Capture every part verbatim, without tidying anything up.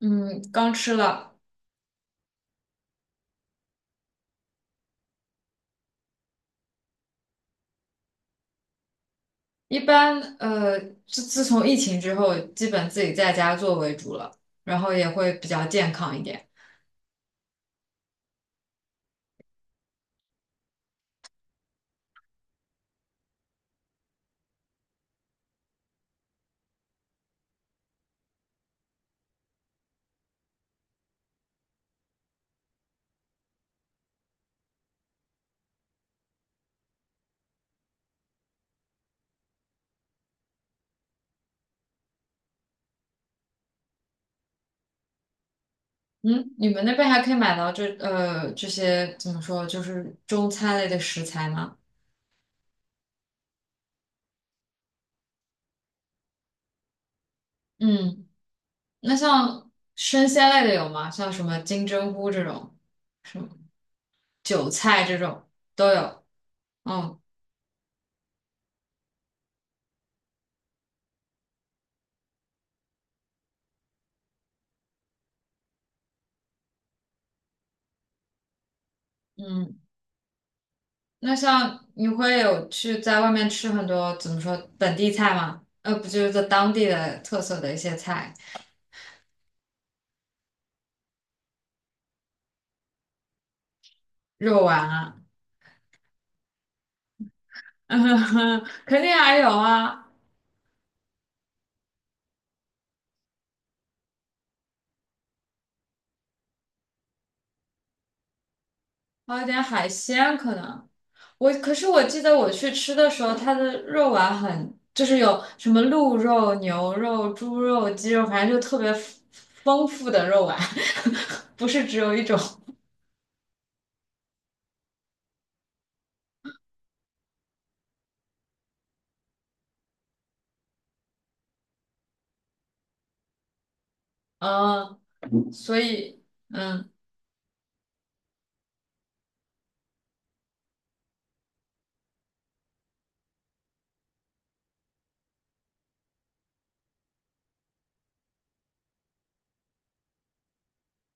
嗯，刚吃了。一般呃，自自从疫情之后，基本自己在家做为主了，然后也会比较健康一点。嗯，你们那边还可以买到这呃这些怎么说，就是中餐类的食材吗？嗯，那像生鲜类的有吗？像什么金针菇这种，什么韭菜这种都有。嗯。嗯。那像你会有去在外面吃很多怎么说本地菜吗？呃，不就是在当地的特色的一些菜，肉丸啊，肯定还有啊，还有点海鲜可能。我可是我记得我去吃的时候，它的肉丸很，就是有什么鹿肉、牛肉、猪肉、鸡肉，反正就特别丰丰富的肉丸，不是只有一种。嗯，所以嗯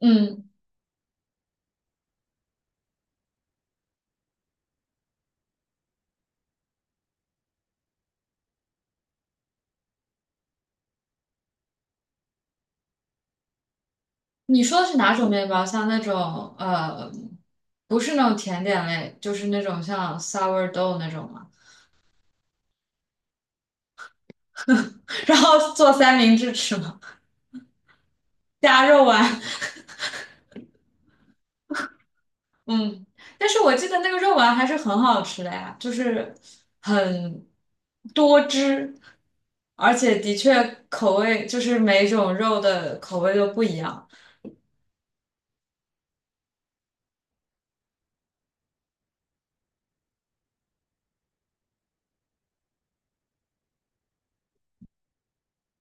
嗯。你说的是哪种面包？像那种呃，不是那种甜点类，就是那种像 sourdough 那种吗？然后做三明治吃吗？加肉丸，嗯，但是我记得那个肉丸还是很好吃的呀，就是很多汁，而且的确口味就是每种肉的口味都不一样。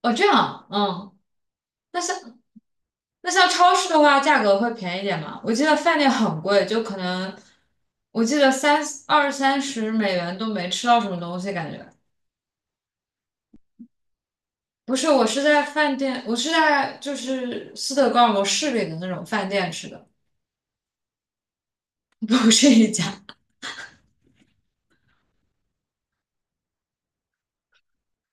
哦，这样啊，嗯。那像。那像超市的话，价格会便宜点吗？我记得饭店很贵，就可能我记得三二三十美元都没吃到什么东西，感觉不是。我是在饭店，我是在就是斯德哥尔摩市里的那种饭店吃的，不是一家，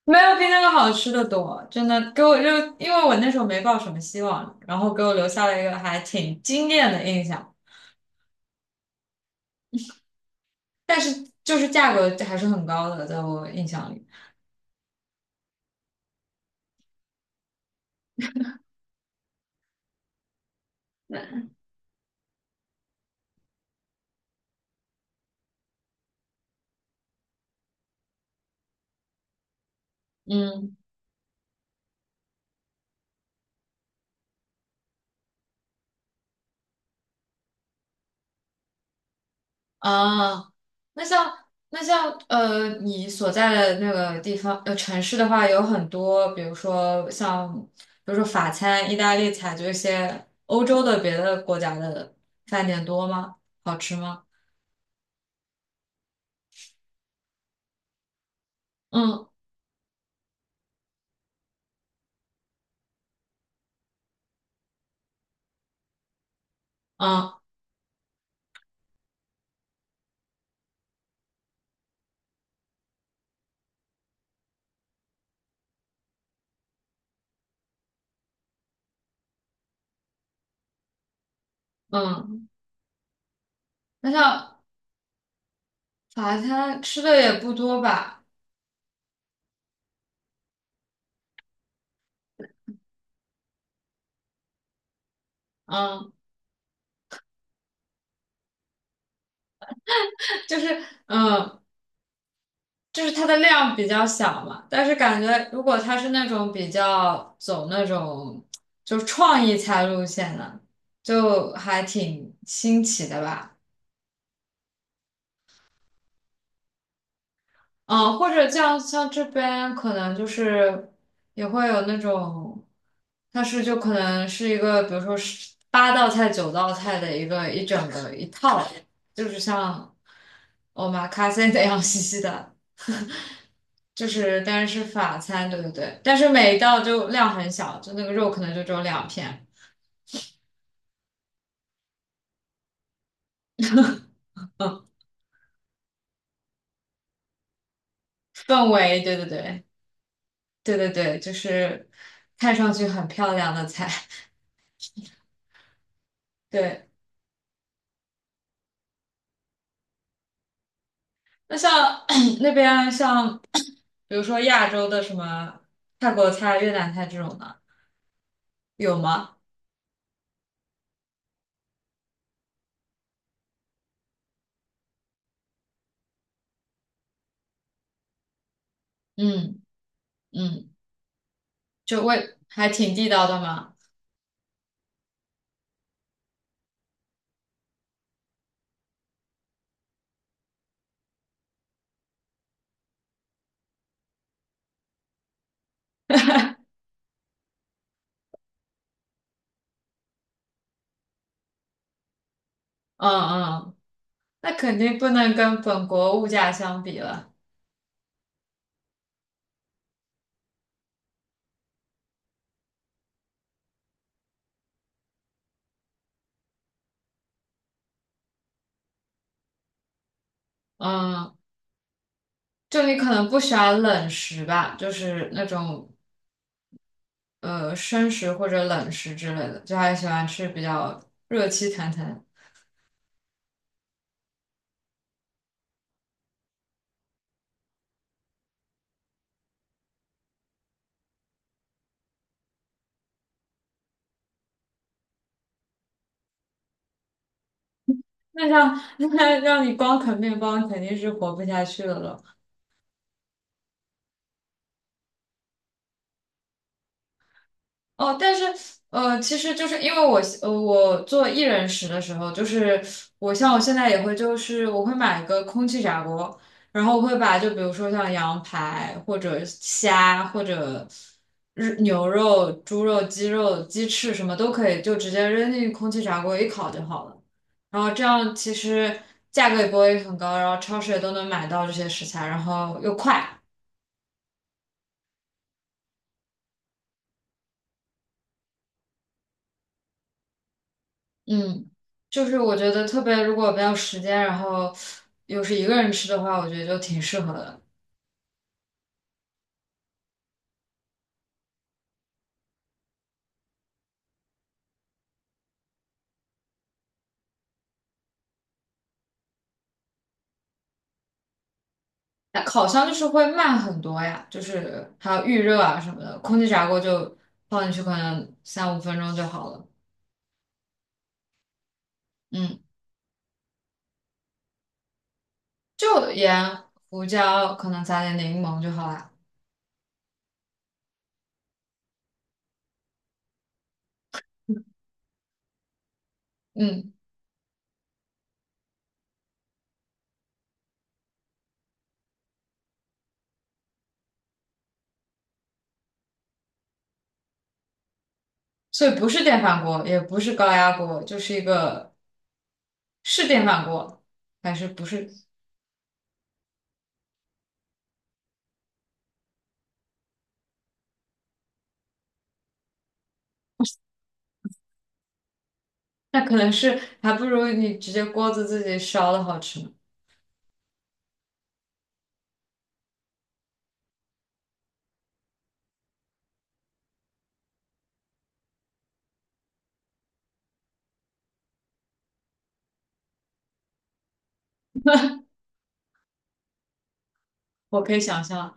没有比那个好吃的多，真的给我就因为我那时候没抱什么希望，然后给我留下了一个还挺惊艳的印象，但是就是价格还是很高的，在我印象里，嗯。啊，那像那像呃，你所在的那个地方呃城市的话，有很多，比如说像比如说法餐、意大利菜，就一些欧洲的别的国家的饭店多吗？好吃吗？嗯嗯嗯，那像法餐吃的也不多吧？嗯，就是嗯。呃就是它的量比较小嘛，但是感觉如果它是那种比较走那种就是创意菜路线的，就还挺新奇的吧。嗯，或者像像这边可能就是也会有那种，它是就可能是一个，比如说是八道菜、九道菜的一个一整个一套，就是像 omakase 那样 细细的。就是但然是法餐，对对对，但是每一道就量很小，就那个肉可能就只有两片，嗯，氛围，对对对，对对对，就是看上去很漂亮的菜，对。那像 那边像比如说亚洲的什么泰国菜、越南菜这种的，有吗？嗯嗯，就味还挺地道的嘛，嗯嗯，那肯定不能跟本国物价相比了。嗯，就你可能不喜欢冷食吧，就是那种呃生食或者冷食之类的，就还喜欢吃比较热气腾腾。那像 那让你光啃面包，肯定是活不下去了哦，但是呃，其实就是因为我呃，我做一人食的时候，就是我像我现在也会，就是我会买一个空气炸锅，然后我会把就比如说像羊排或者虾或者日牛肉、猪肉、鸡肉、鸡翅什么都可以，就直接扔进空气炸锅一烤就好了。然后这样其实价格也不会很高，然后超市也都能买到这些食材，然后又快。嗯，就是我觉得特别，如果没有时间，然后又是一个人吃的话，我觉得就挺适合的。那烤箱就是会慢很多呀，就是还有预热啊什么的，空气炸锅就放进去可能三五分钟就好了。嗯，就盐、胡椒，可能撒点柠檬就好啦。嗯，所以不是电饭锅，也不是高压锅，就是一个是电饭锅还是不是？那可能是还不如你直接锅子自己烧的好吃呢。我可以想象。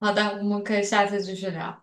好的，我们可以下次继续聊。